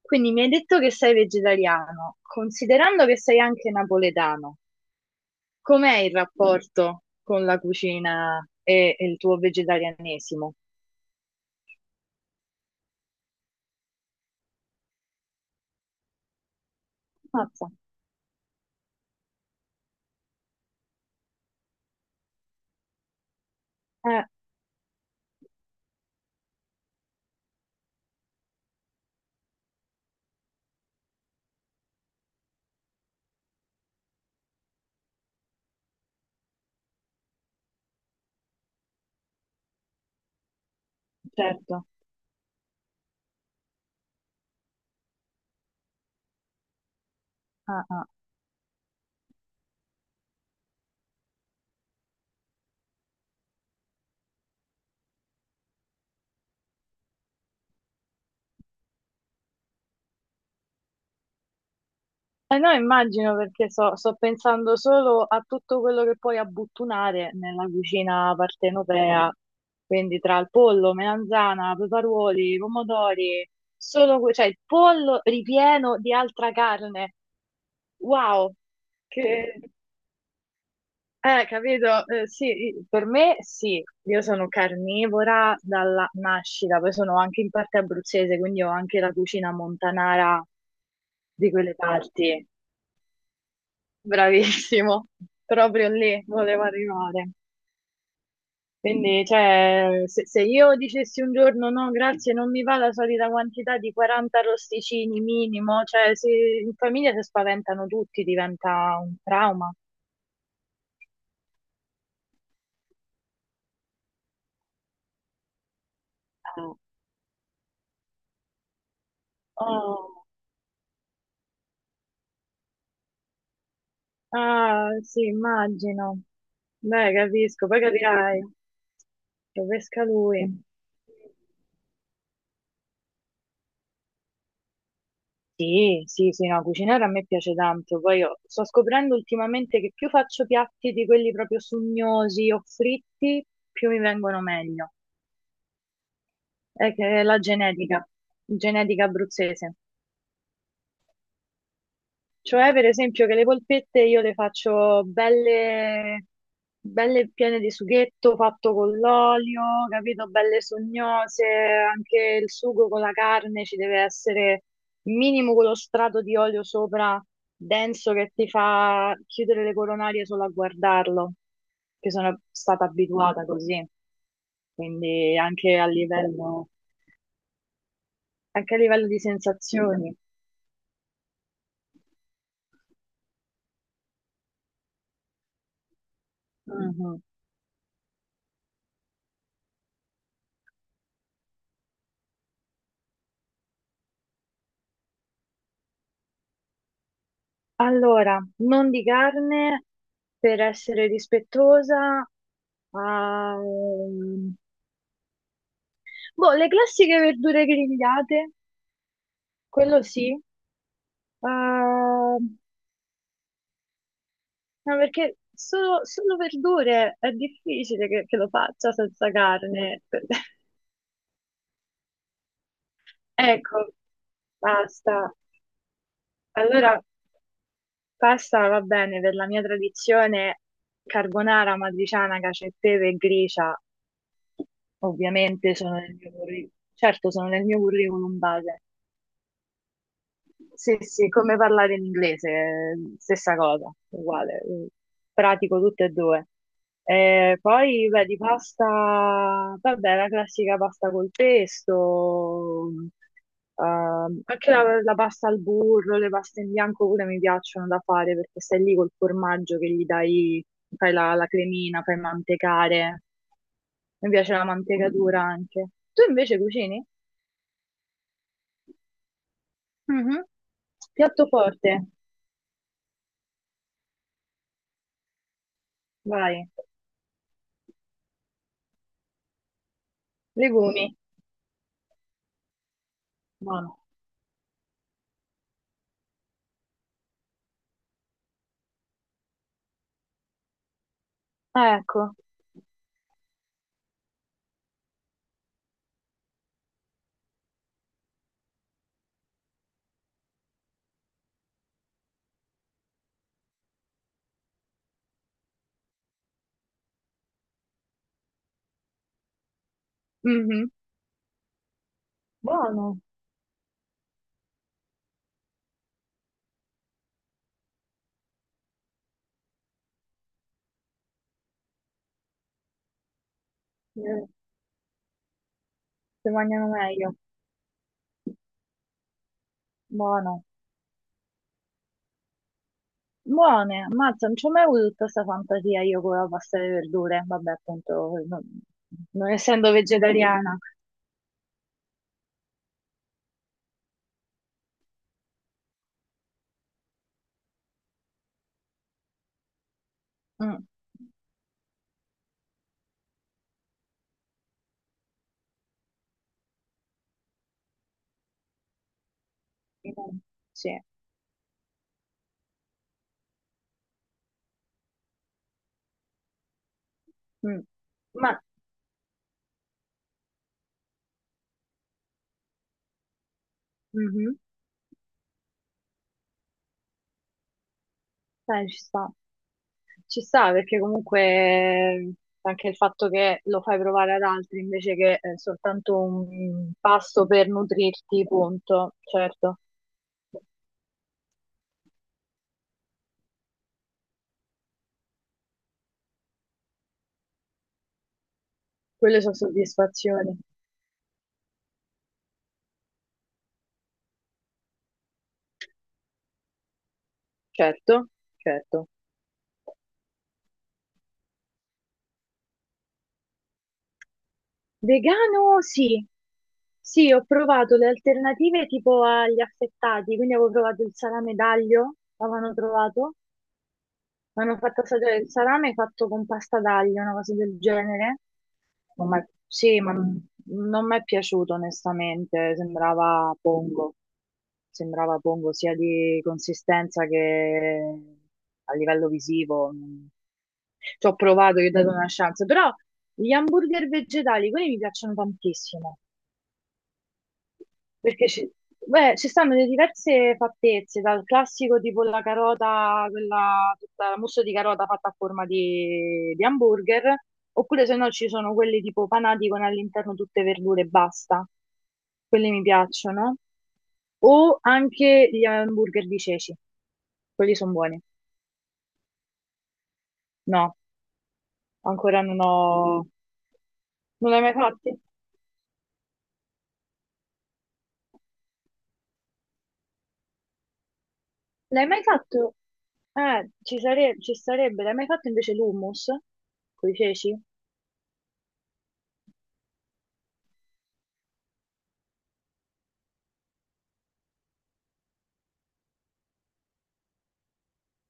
Quindi mi hai detto che sei vegetariano, considerando che sei anche napoletano, com'è il rapporto con la cucina e il tuo vegetarianesimo? Mazza. Eh, certo. Ah, ah, eh no, immagino perché sto pensando solo a tutto quello che puoi abbottunare nella cucina partenopea, quindi tra il pollo, melanzana, peperuoli, pomodori, cioè il pollo ripieno di altra carne. Wow, che... eh, capito? Sì, per me sì, io sono carnivora dalla nascita, poi sono anche in parte abruzzese, quindi ho anche la cucina montanara di quelle parti. Bravissimo, proprio lì volevo arrivare. Quindi, cioè, se io dicessi un giorno no, grazie, non mi va la solita quantità di 40 rosticini minimo, cioè, in famiglia si spaventano tutti, diventa un trauma. Ah, oh, ah, sì, immagino. Beh, capisco, poi capirai, lo pesca lui. Sì, sì, sì, no, cucinare a me piace tanto. Poi io sto scoprendo ultimamente che più faccio piatti di quelli proprio sugnosi o fritti, più mi vengono meglio. È che è la genetica, genetica abruzzese. Cioè, per esempio, che le polpette io le faccio belle, belle piene di sughetto fatto con l'olio, capito? Belle sognose, anche il sugo con la carne ci deve essere minimo quello strato di olio sopra, denso, che ti fa chiudere le coronarie solo a guardarlo, che sono stata abituata così, quindi anche a livello di sensazioni. Mhm. Allora, non di carne per essere rispettosa. ehm, boh, le classiche verdure grigliate, quello sì. ehm, ma perché solo verdure è difficile che lo faccia senza carne. Ecco, basta. Allora, pasta va bene per la mia tradizione carbonara, matriciana, cacio e pepe e gricia. Ovviamente sono nel mio curriculum, certo sono nel mio curriculum base, sì, sì, come parlare in inglese, stessa cosa, uguale, pratico tutte e due. Poi, beh, di pasta, vabbè, la classica pasta col pesto, anche la pasta al burro, le paste in bianco pure mi piacciono da fare perché stai lì col formaggio che gli dai, fai la cremina, fai mantecare, mi piace la mantecatura anche. Tu invece cucini? Mhm. Piatto forte, vai. Legumi. Buono. Ah, ecco. Mhm. Buono. Eh, Si mangiano meglio. Buono. Buone, ammazza, non ci ho mai avuto tutta questa fantasia io con la pasta alle verdure. Vabbè, appunto, non, non essendo vegetariana. Mm, mm, sì. Mm. Ma, mhm, dai, ci sta. Ci sta perché comunque anche il fatto che lo fai provare ad altri invece che soltanto un pasto per nutrirti, punto. Certo. Quelle sono soddisfazioni. Certo, certo. Vegano, sì. Sì, ho provato le alternative tipo agli affettati, quindi avevo provato il salame d'aglio, l'avevano trovato, mi hanno fatto assaggiare il salame fatto con pasta d'aglio, una cosa del genere. Non mi è- sì, ma non mi è piaciuto onestamente, sembrava pongo sia di consistenza che a livello visivo. Ci ho provato, gli ho dato una chance, però gli hamburger vegetali, quelli mi piacciono tantissimo, perché beh, ci stanno le diverse fattezze, dal classico tipo la carota, quella, tutta la mousse di carota fatta a forma di hamburger, oppure se no ci sono quelli tipo panati con all'interno tutte verdure e basta, quelli mi piacciono, o anche gli hamburger di ceci, quelli sono buoni. No, ancora non ho... Non l'hai mai fatti? L'hai mai fatto? Ci sarebbe, l'hai mai fatto invece l'hummus con i ceci?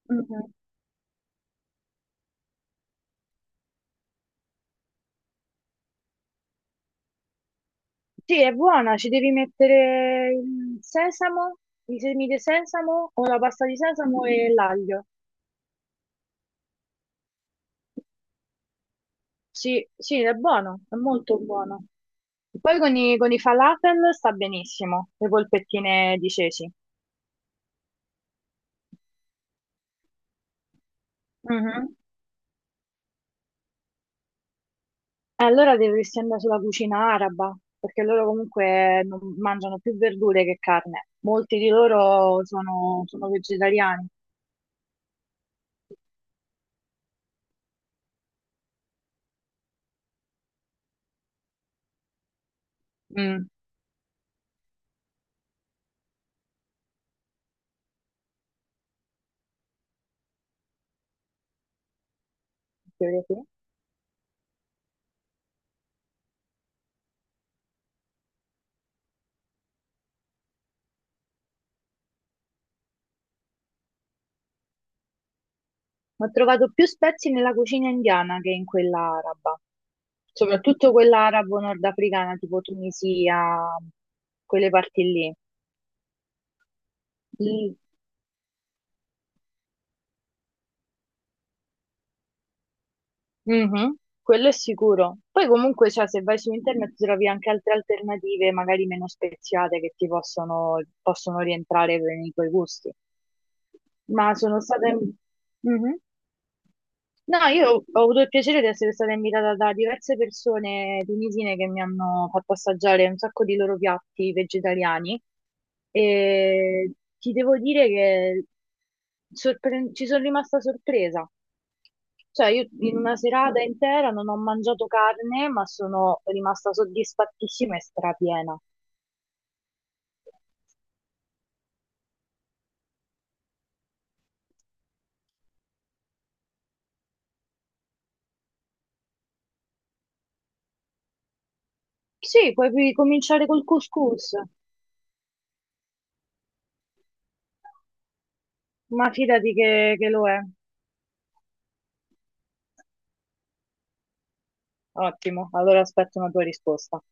Mhm. Sì, è buona, ci devi mettere il sesamo, i semi di sesamo o la pasta di sesamo e l'aglio. Sì, sì, è buono, è molto buono. Poi con con i falafel sta benissimo, le polpettine di ceci. Mhm. E allora dovresti andare sulla cucina araba, perché loro comunque mangiano più verdure che carne. Molti di loro sono vegetariani. Mm, teoria sì. Ho trovato più spezie nella cucina indiana che in quella araba, soprattutto quella arabo-nordafricana, tipo Tunisia, quelle parti lì. Mhm, quello è sicuro. Poi comunque, cioè, se vai su internet trovi anche altre alternative, magari meno speziate, che ti possono, possono rientrare nei tuoi gusti. Ma sono stata... Mhm. No, io ho avuto il piacere di essere stata invitata da diverse persone tunisine che mi hanno fatto assaggiare un sacco di loro piatti vegetariani e ti devo dire che ci sono rimasta sorpresa. Cioè, io in una serata intera non ho mangiato carne, ma sono rimasta soddisfattissima e strapiena. Sì, cominciare col couscous, ma fidati che lo è. Ottimo, allora aspetto una tua risposta.